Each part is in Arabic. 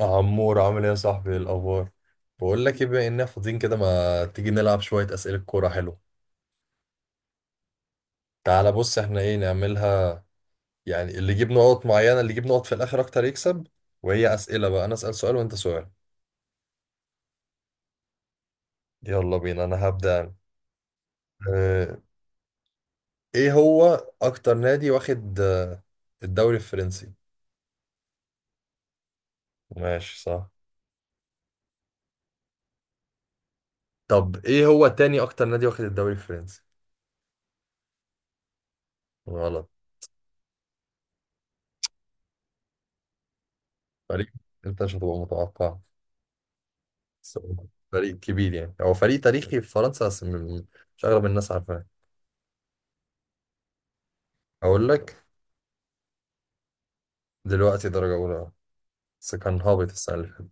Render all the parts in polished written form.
عمور، عامل ايه يا صاحبي؟ إيه الاخبار؟ بقول لك ايه، بما اننا فاضيين كده ما تيجي نلعب شويه اسئله كوره؟ حلو. تعالى بص، احنا ايه نعملها؟ يعني اللي يجيب نقط معينه، اللي يجيب نقط في الاخر اكتر يكسب. وهي اسئله بقى، انا اسال سؤال وانت سؤال. يلا بينا، انا هبدا أنا. اه. ايه هو اكتر نادي واخد الدوري الفرنسي؟ ماشي، صح. طب ايه هو تاني اكتر نادي واخد الدوري الفرنسي؟ غلط. فريق، انت مش هتبقى متوقع، بس هو فريق كبير يعني، هو فريق تاريخي في فرنسا بس مش أغلب الناس عارفاه. أقول لك، دلوقتي درجة أولى بس كان هابط السنة اللي فاتت.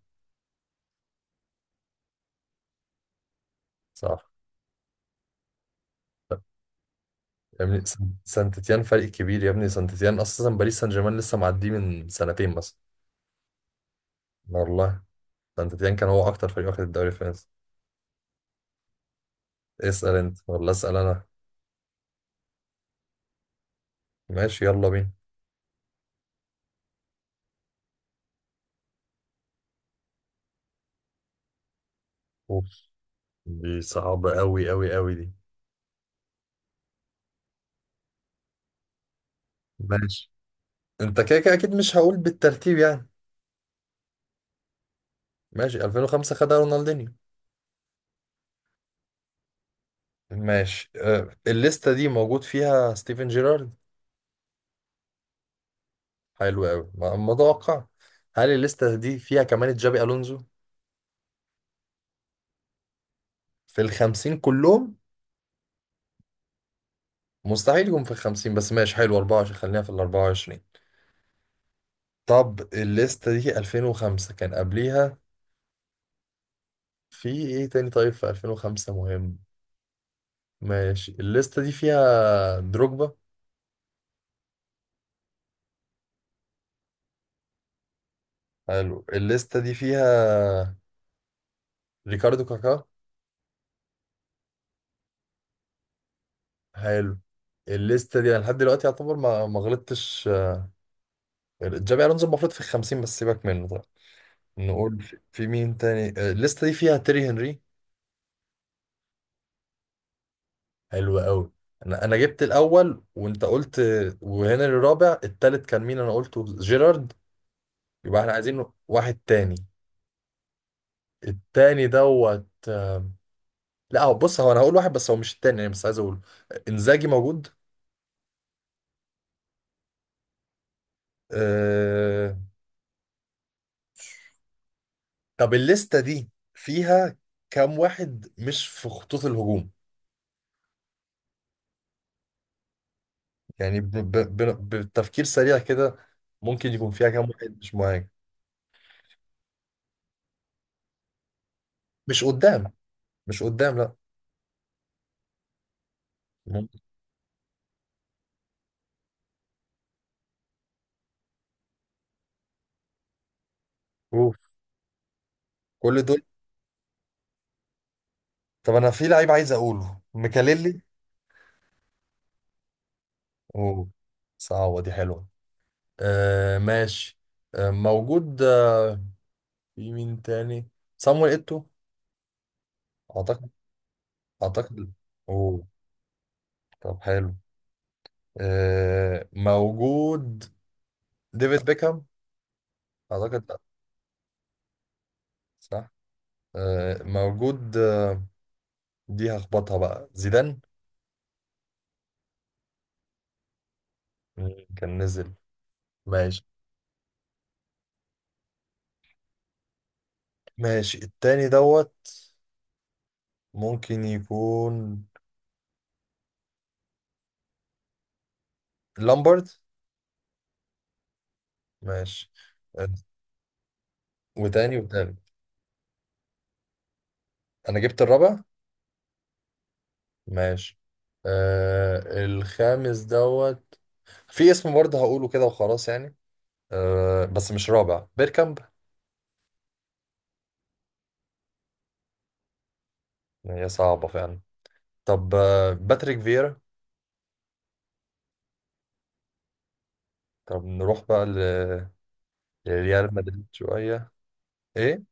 صح. يا ابني سان تيتيان فريق كبير، يا ابني سان تيتيان أساسا باريس سان جيرمان لسه معديه من سنتين مثلا. والله سان تيتيان كان هو أكتر فريق واخد الدوري الفرنسي. اسأل أنت ولا أسأل أنا؟ ماشي يلا بينا. أوف، دي صعبة أوي أوي أوي دي. ماشي، أنت كده كده أكيد مش هقول بالترتيب يعني. ماشي، 2005 خدها رونالدينيو. ماشي، الليستة دي موجود فيها ستيفن جيرارد. حلو قوي، متوقع. هل الليستة دي فيها كمان جابي ألونزو في 50 كلهم؟ مستحيل يكون في 50، بس ماشي حلو، 24 خلينا في 24. طب الليستة دي 2005 كان قبليها في ايه تاني؟ طيب في 2005 مهم. ماشي، الليستة دي فيها دروجبا. حلو، الليستة دي فيها ريكاردو كاكا. حلو. الليستة دي انا لحد دلوقتي يعتبر ما غلطتش. جابي الونزو المفروض في 50 بس سيبك منه. طيب، نقول في مين تاني؟ الليسته دي فيها تيري هنري. حلو قوي. انا جبت الاول وانت قلت وهنري الرابع، التالت كان مين؟ انا قلته جيرارد. يبقى احنا عايزين واحد تاني. التاني دوت لا هو بص، هو انا هقول واحد بس هو مش التاني يعني، بس عايز اقوله. انزاجي موجود؟ أه... طب الليسته دي فيها كام واحد مش في خطوط الهجوم؟ يعني بالتفكير سريع كده، ممكن يكون فيها كام واحد مش معاك؟ مش قدام. مش قدام، لا. ممكن. اوف، كل دول. طب انا في لعيب عايز اقوله، ميكاليلي. اوه، صعبة دي، حلوة. آه ماشي. آه موجود. في مين تاني؟ صامويل ايتو، اعتقد. اعتقد. اوه. طب حلو، آه موجود. ديفيد بيكهام، اعتقد لا. صح. آه موجود. دي هخبطها بقى، زيدان. كان نزل. ماشي. ماشي، التاني دوت ممكن يكون لامبرد. ماشي، آه، وتاني وتالت. انا جبت الرابع. ماشي. الخامس دوت في اسم برضه هقوله كده وخلاص يعني، آه بس مش رابع، بيركامب. هي صعبة فعلا. طب باتريك فيرا. طب نروح بقى لريال مدريد شوية. ايه؟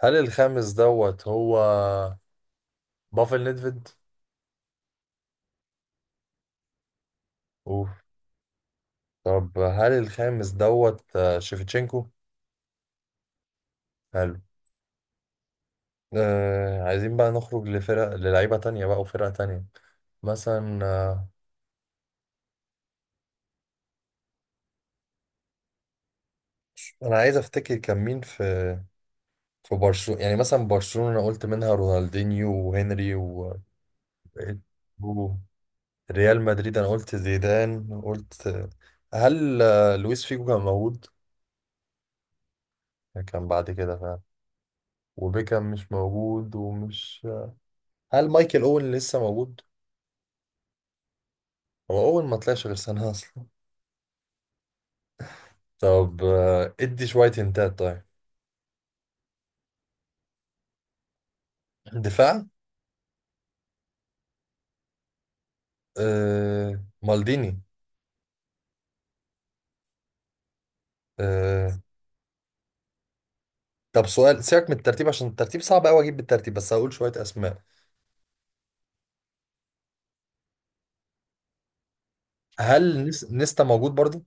هل الخامس دوت هو بافل ندفيد؟ اوف. طب هل الخامس دوت شيفتشينكو؟ حلو. آه، عايزين بقى نخرج لفرق، للعيبة تانية بقى وفرق تانية. مثلا أنا عايز أفتكر كان مين في برشلونة، يعني مثلا برشلونة أنا قلت منها رونالدينيو وهنري و- ريال مدريد أنا قلت زيدان. قلت هل لويس فيجو كان موجود؟ كان بعد كده فعلا. وبيكام مش موجود، ومش. هل مايكل أوين لسه موجود؟ هو أوين ما طلعش غير سنة أصلا. طب ادي شوية هنتات طيب. دفاع. آه مالديني. آه. طب سؤال، سيبك من الترتيب عشان الترتيب صعب قوي اجيب بالترتيب، بس هقول شوية اسماء. هل نيستا موجود برضه؟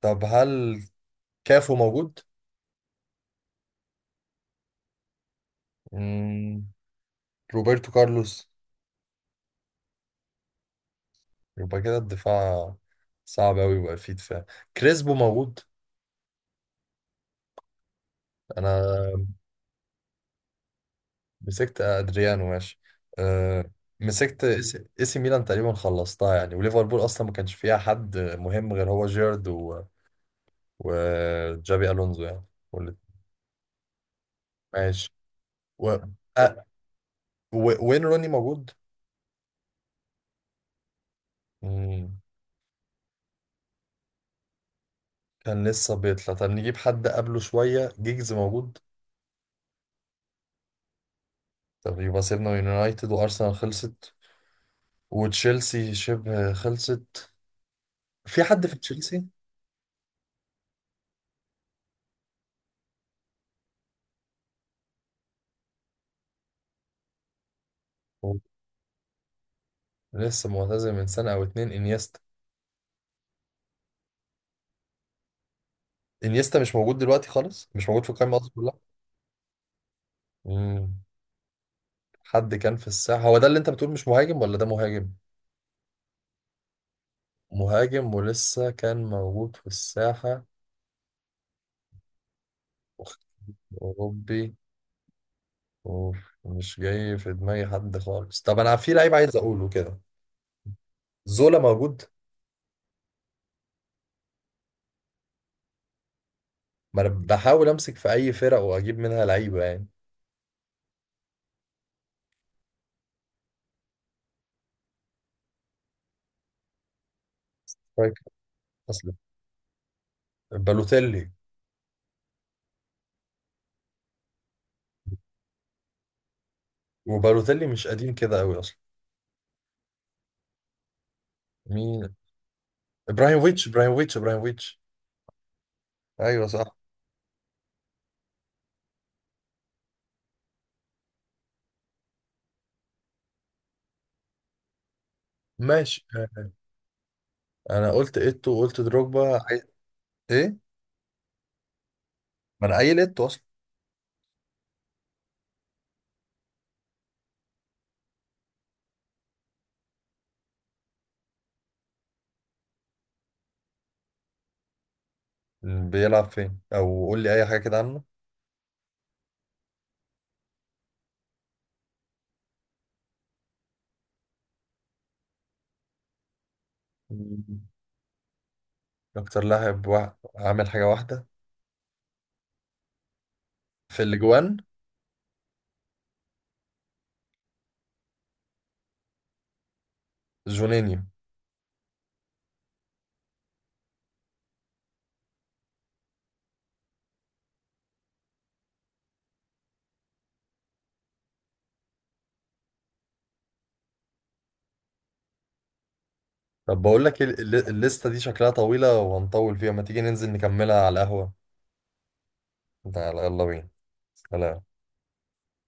طب هل كافو موجود؟ مم. روبرتو كارلوس. يبقى كده الدفاع صعب قوي، يبقى فيه دفاع. كريسبو موجود؟ انا مسكت ادريانو، ماشي. آه. مسكت اس إيه سي ميلان تقريبا خلصتها يعني، وليفربول اصلا ما كانش فيها حد مهم غير هو جيرد وجابي الونزو يعني، واللي ماشي و... أ... وين روني موجود؟ مم. كان لسه بيطلع. طب نجيب حد قبله شويه. جيجز موجود؟ طب يبقى سيبنا من يونايتد، وارسنال خلصت، وتشيلسي شبه خلصت. في حد في تشيلسي لسه معتزل من سنه او اتنين؟ انيستا؟ انيستا مش موجود دلوقتي خالص، مش موجود في القائمه اصلا كلها. مم. حد كان في الساحه هو ده اللي انت بتقول مش مهاجم، ولا ده مهاجم؟ مهاجم ولسه كان موجود في الساحه. أوروبي. أوف، مش جاي في دماغي حد خالص. طب أنا في لعيب عايز أقوله كده. زولا موجود؟ ما أنا بحاول أمسك في أي فرق وأجيب منها لعيبة يعني. فاكر أصلا، بالوتيلي. وبالوتيلي مش قديم كده أوي أصلا. مين؟ إبراهيموفيتش إبراهيموفيتش إبراهيموفيتش! أيوه صح. ماشي، أنا قلت إيتو وقلت دروجبا إيه؟ ما أنا قايل إيتو أصلا. بيلعب فين؟ أو قول لي أي حاجة كده عنه. مم. أكتر لاعب عامل حاجة واحدة. في الأجوان، جونينيو. طب بقول لك، الليسته دي شكلها طويله وهنطول فيها، ما تيجي ننزل نكملها على القهوه. تعال يلا بينا. سلام.